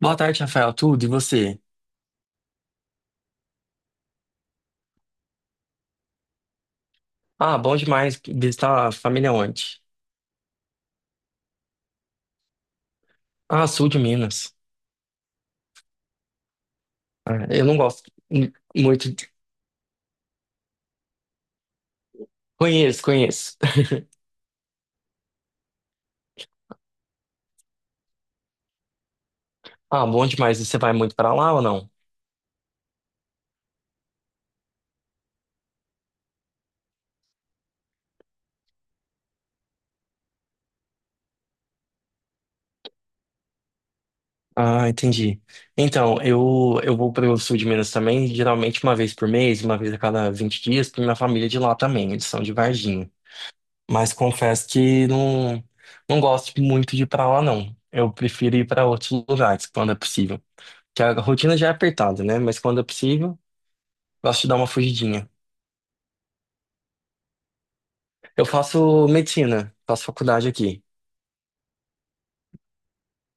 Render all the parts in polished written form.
Boa tarde, Rafael. Tudo e você? Ah, bom demais visitar a família onde? Ah, sul de Minas. Ah, eu não gosto muito. Conheço, conheço. Ah, bom demais. E você vai muito para lá ou não? Ah, entendi. Então, eu vou para o sul de Minas também, geralmente uma vez por mês, uma vez a cada 20 dias, porque minha família é de lá também, eles são de Varginha. Mas confesso que não gosto muito de ir pra lá, não. Eu prefiro ir para outros lugares quando é possível. Que a rotina já é apertada, né? Mas quando é possível. Gosto de dar uma fugidinha. Eu faço medicina, faço faculdade aqui.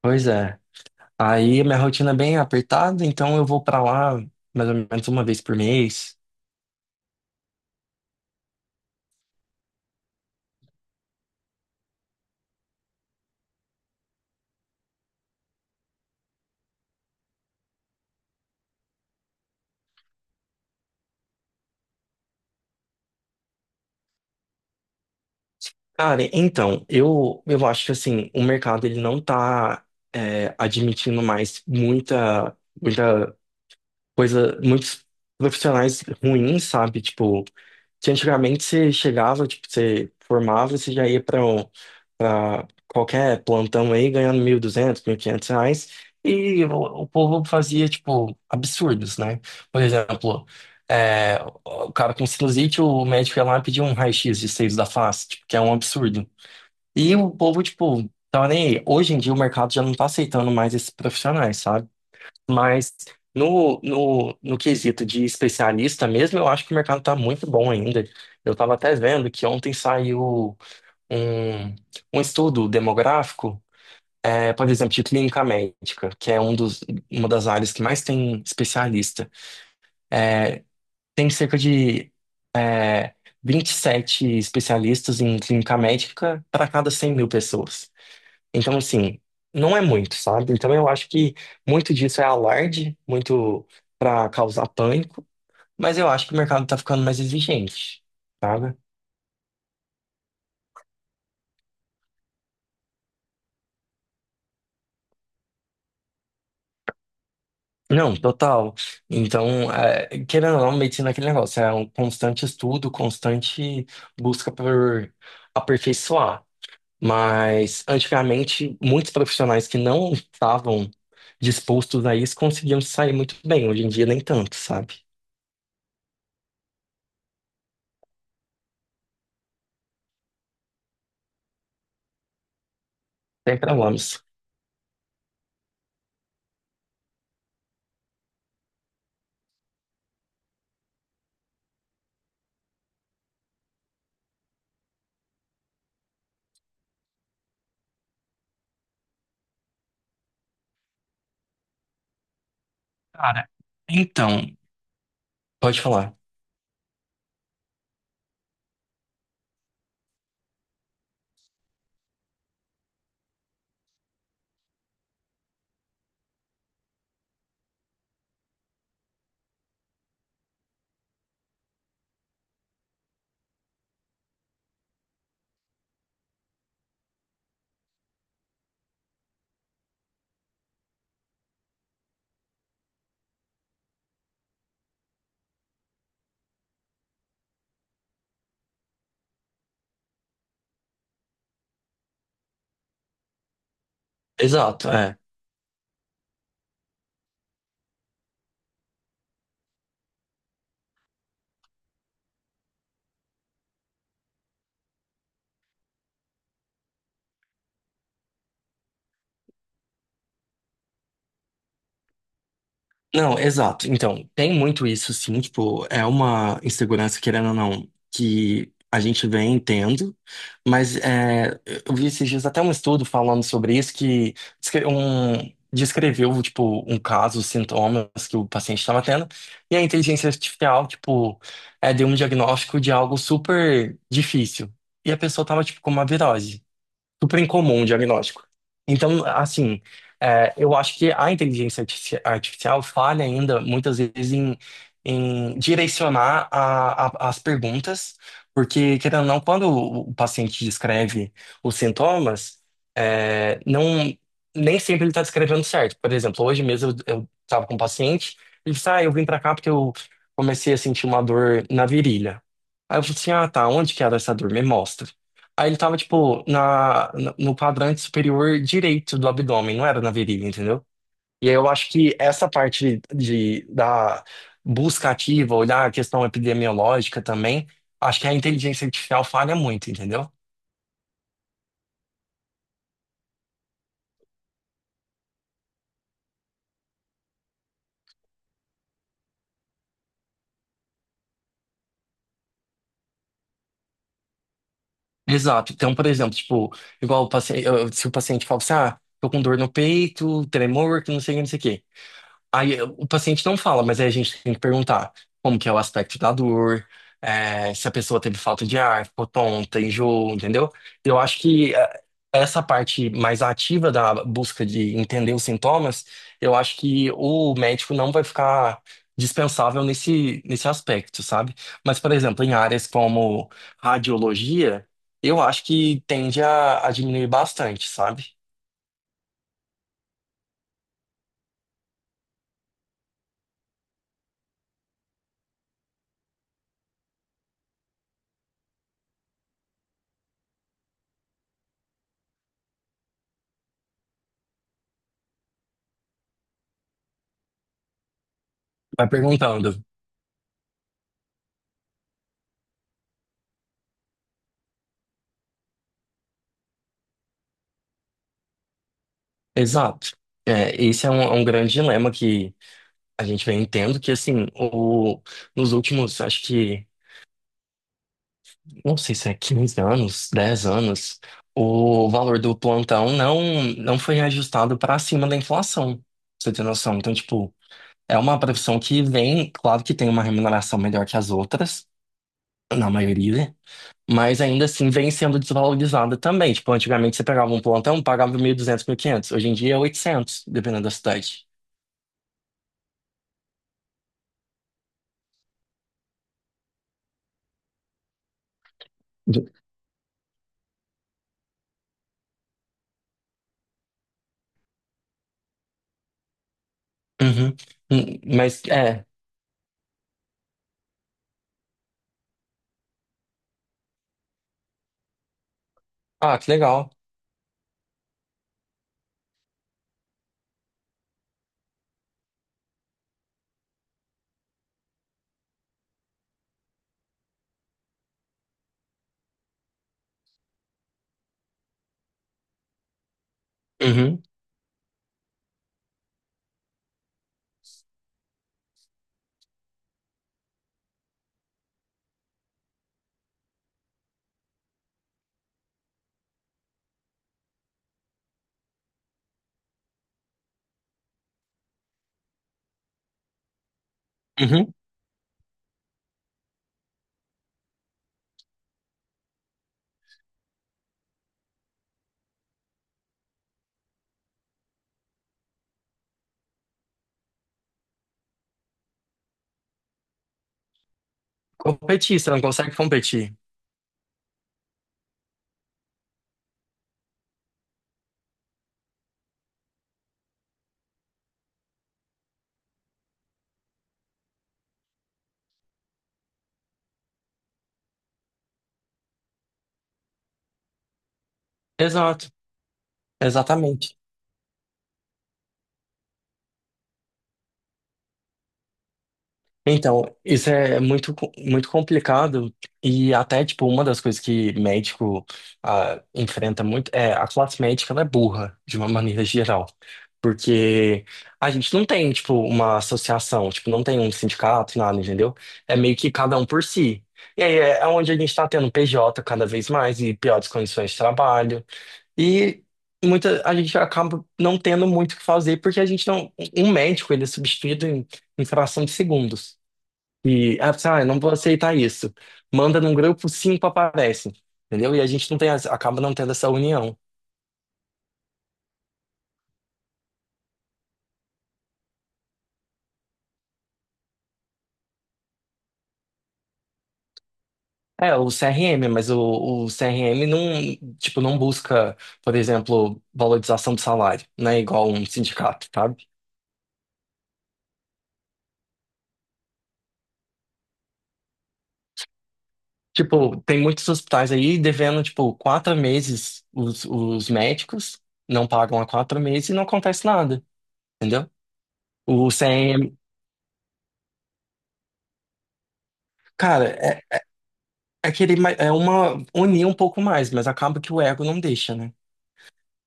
Pois é. Aí minha rotina é bem apertada, então eu vou pra lá mais ou menos uma vez por mês. Cara, então, eu acho que assim, o mercado ele não tá admitindo mais muita coisa, muitos profissionais ruins, sabe? Tipo, que antigamente você chegava, tipo, você formava, você já ia para qualquer plantão aí ganhando 1.200, quinhentos reais. E o povo fazia, tipo, absurdos, né? Por exemplo, é, o cara com sinusite, o médico ia lá e pedia um raio-x de seios da face, tipo, que é um absurdo. E o povo, tipo, tava nem aí. Hoje em dia o mercado já não tá aceitando mais esses profissionais, sabe? Mas no quesito de especialista mesmo, eu acho que o mercado tá muito bom ainda. Eu tava até vendo que ontem saiu um, um estudo demográfico por exemplo, de clínica médica, que é uma das áreas que mais tem especialista. Tem cerca de 27 especialistas em clínica médica para cada 100 mil pessoas. Então, assim, não é muito, sabe? Então, eu acho que muito disso é alarde, muito para causar pânico, mas eu acho que o mercado está ficando mais exigente, sabe? Não, total. Então, querendo ou não, medicina é aquele negócio, é um constante estudo, constante busca por aperfeiçoar. Mas, antigamente, muitos profissionais que não estavam dispostos a isso conseguiam sair muito bem. Hoje em dia, nem tanto, sabe? Sempre problemas. Cara, então, pode falar. Exato, é. Não, exato. Então, tem muito isso, sim. Tipo, é uma insegurança, querendo ou não, que a gente vem tendo. Mas eu vi esses dias até um estudo falando sobre isso que descreveu, tipo, um caso, os sintomas que o paciente estava tendo. E a inteligência artificial, tipo, deu um diagnóstico de algo super difícil. E a pessoa estava, tipo, com uma virose super incomum o diagnóstico. Então, assim, eu acho que a inteligência artificial falha ainda muitas vezes em direcionar as perguntas, porque, querendo ou não, quando o paciente descreve os sintomas, não, nem sempre ele está descrevendo certo. Por exemplo, hoje mesmo eu estava com um paciente, ele disse, ah, eu vim para cá porque eu comecei a sentir uma dor na virilha. Aí eu falei assim, ah, tá, onde que era essa dor? Me mostra. Aí ele tava, tipo, no quadrante superior direito do abdômen, não era na virilha, entendeu? E aí eu acho que essa parte da busca ativa, olhar a questão epidemiológica também, acho que a inteligência artificial falha muito, entendeu? Exato. Então, por exemplo, tipo, igual o paciente, se o paciente fala assim, ah, tô com dor no peito, tremor, que não sei o que, não sei o quê. Aí o paciente não fala, mas aí a gente tem que perguntar como que é o aspecto da dor, se a pessoa teve falta de ar, ficou tonta, enjoou, entendeu? Eu acho que essa parte mais ativa da busca de entender os sintomas, eu acho que o médico não vai ficar dispensável nesse aspecto, sabe? Mas, por exemplo, em áreas como radiologia, eu acho que tende a diminuir bastante, sabe? Vai perguntando. Exato. É, esse é um grande dilema que a gente vem tendo, que assim, nos últimos, acho que, não sei se é 15 anos, 10 anos, o valor do plantão não foi reajustado para cima da inflação. Pra Você tem noção? Então, tipo, é uma profissão que vem, claro que tem uma remuneração melhor que as outras, na maioria, mas ainda assim vem sendo desvalorizada também. Tipo, antigamente você pegava um plantão, pagava 1.200, quinhentos. Hoje em dia é 800, dependendo da cidade. Uhum. Mas é. Ah, que legal. Uhum. Uhum. Competir, você não consegue competir. Exato, exatamente. Então, isso é muito complicado e até, tipo, uma das coisas que médico enfrenta muito é a classe médica, ela é burra, de uma maneira geral. Porque a gente não tem, tipo, uma associação, tipo, não tem um sindicato, nada, entendeu? É meio que cada um por si. E aí é onde a gente está tendo PJ cada vez mais e piores condições de trabalho. E a gente acaba não tendo muito o que fazer, porque a gente não. Um médico, ele é substituído em fração de segundos. E, ah, você, ah, eu não vou aceitar isso. Manda num grupo, cinco aparecem. Entendeu? E a gente não tem, acaba não tendo essa união. É, o CRM, mas o CRM não, tipo, não busca, por exemplo, valorização do salário, né? Igual um sindicato, tá? Tipo, tem muitos hospitais aí devendo, tipo, 4 meses os médicos, não pagam há 4 meses e não acontece nada, entendeu? O CM, cara, é querer é uma unir um pouco mais, mas acaba que o ego não deixa, né?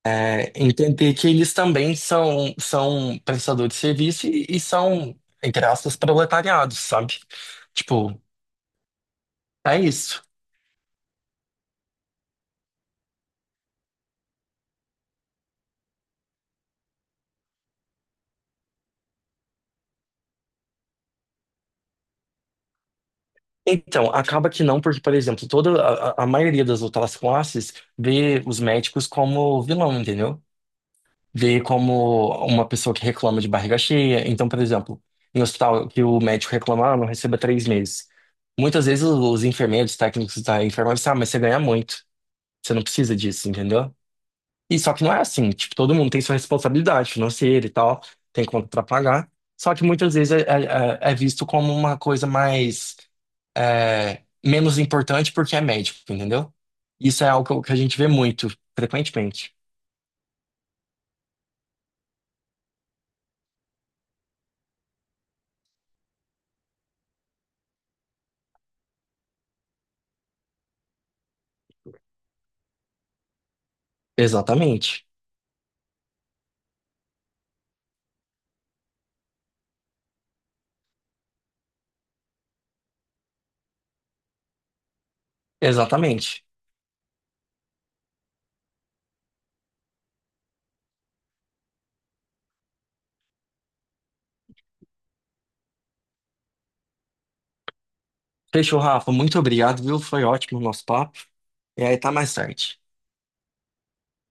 É, entender que eles também são prestadores de serviço e são, entre aspas, proletariados, sabe? Tipo, é isso. Então, acaba que não, porque, por exemplo, toda a maioria das outras classes vê os médicos como vilão, entendeu? Vê como uma pessoa que reclama de barriga cheia. Então, por exemplo, em hospital que o médico reclama, ah, não receba 3 meses. Muitas vezes os enfermeiros, técnicos da enfermagem, ah, mas você ganha muito. Você não precisa disso, entendeu? E só que não é assim. Tipo, todo mundo tem sua responsabilidade financeira e tal, tem conta pra pagar. Só que muitas vezes é visto como uma coisa mais menos importante porque é médico, entendeu? Isso é algo que a gente vê muito, frequentemente. Exatamente. Exatamente. Fechou, Rafa. Muito obrigado, viu? Foi ótimo o nosso papo. E aí, tá mais tarde.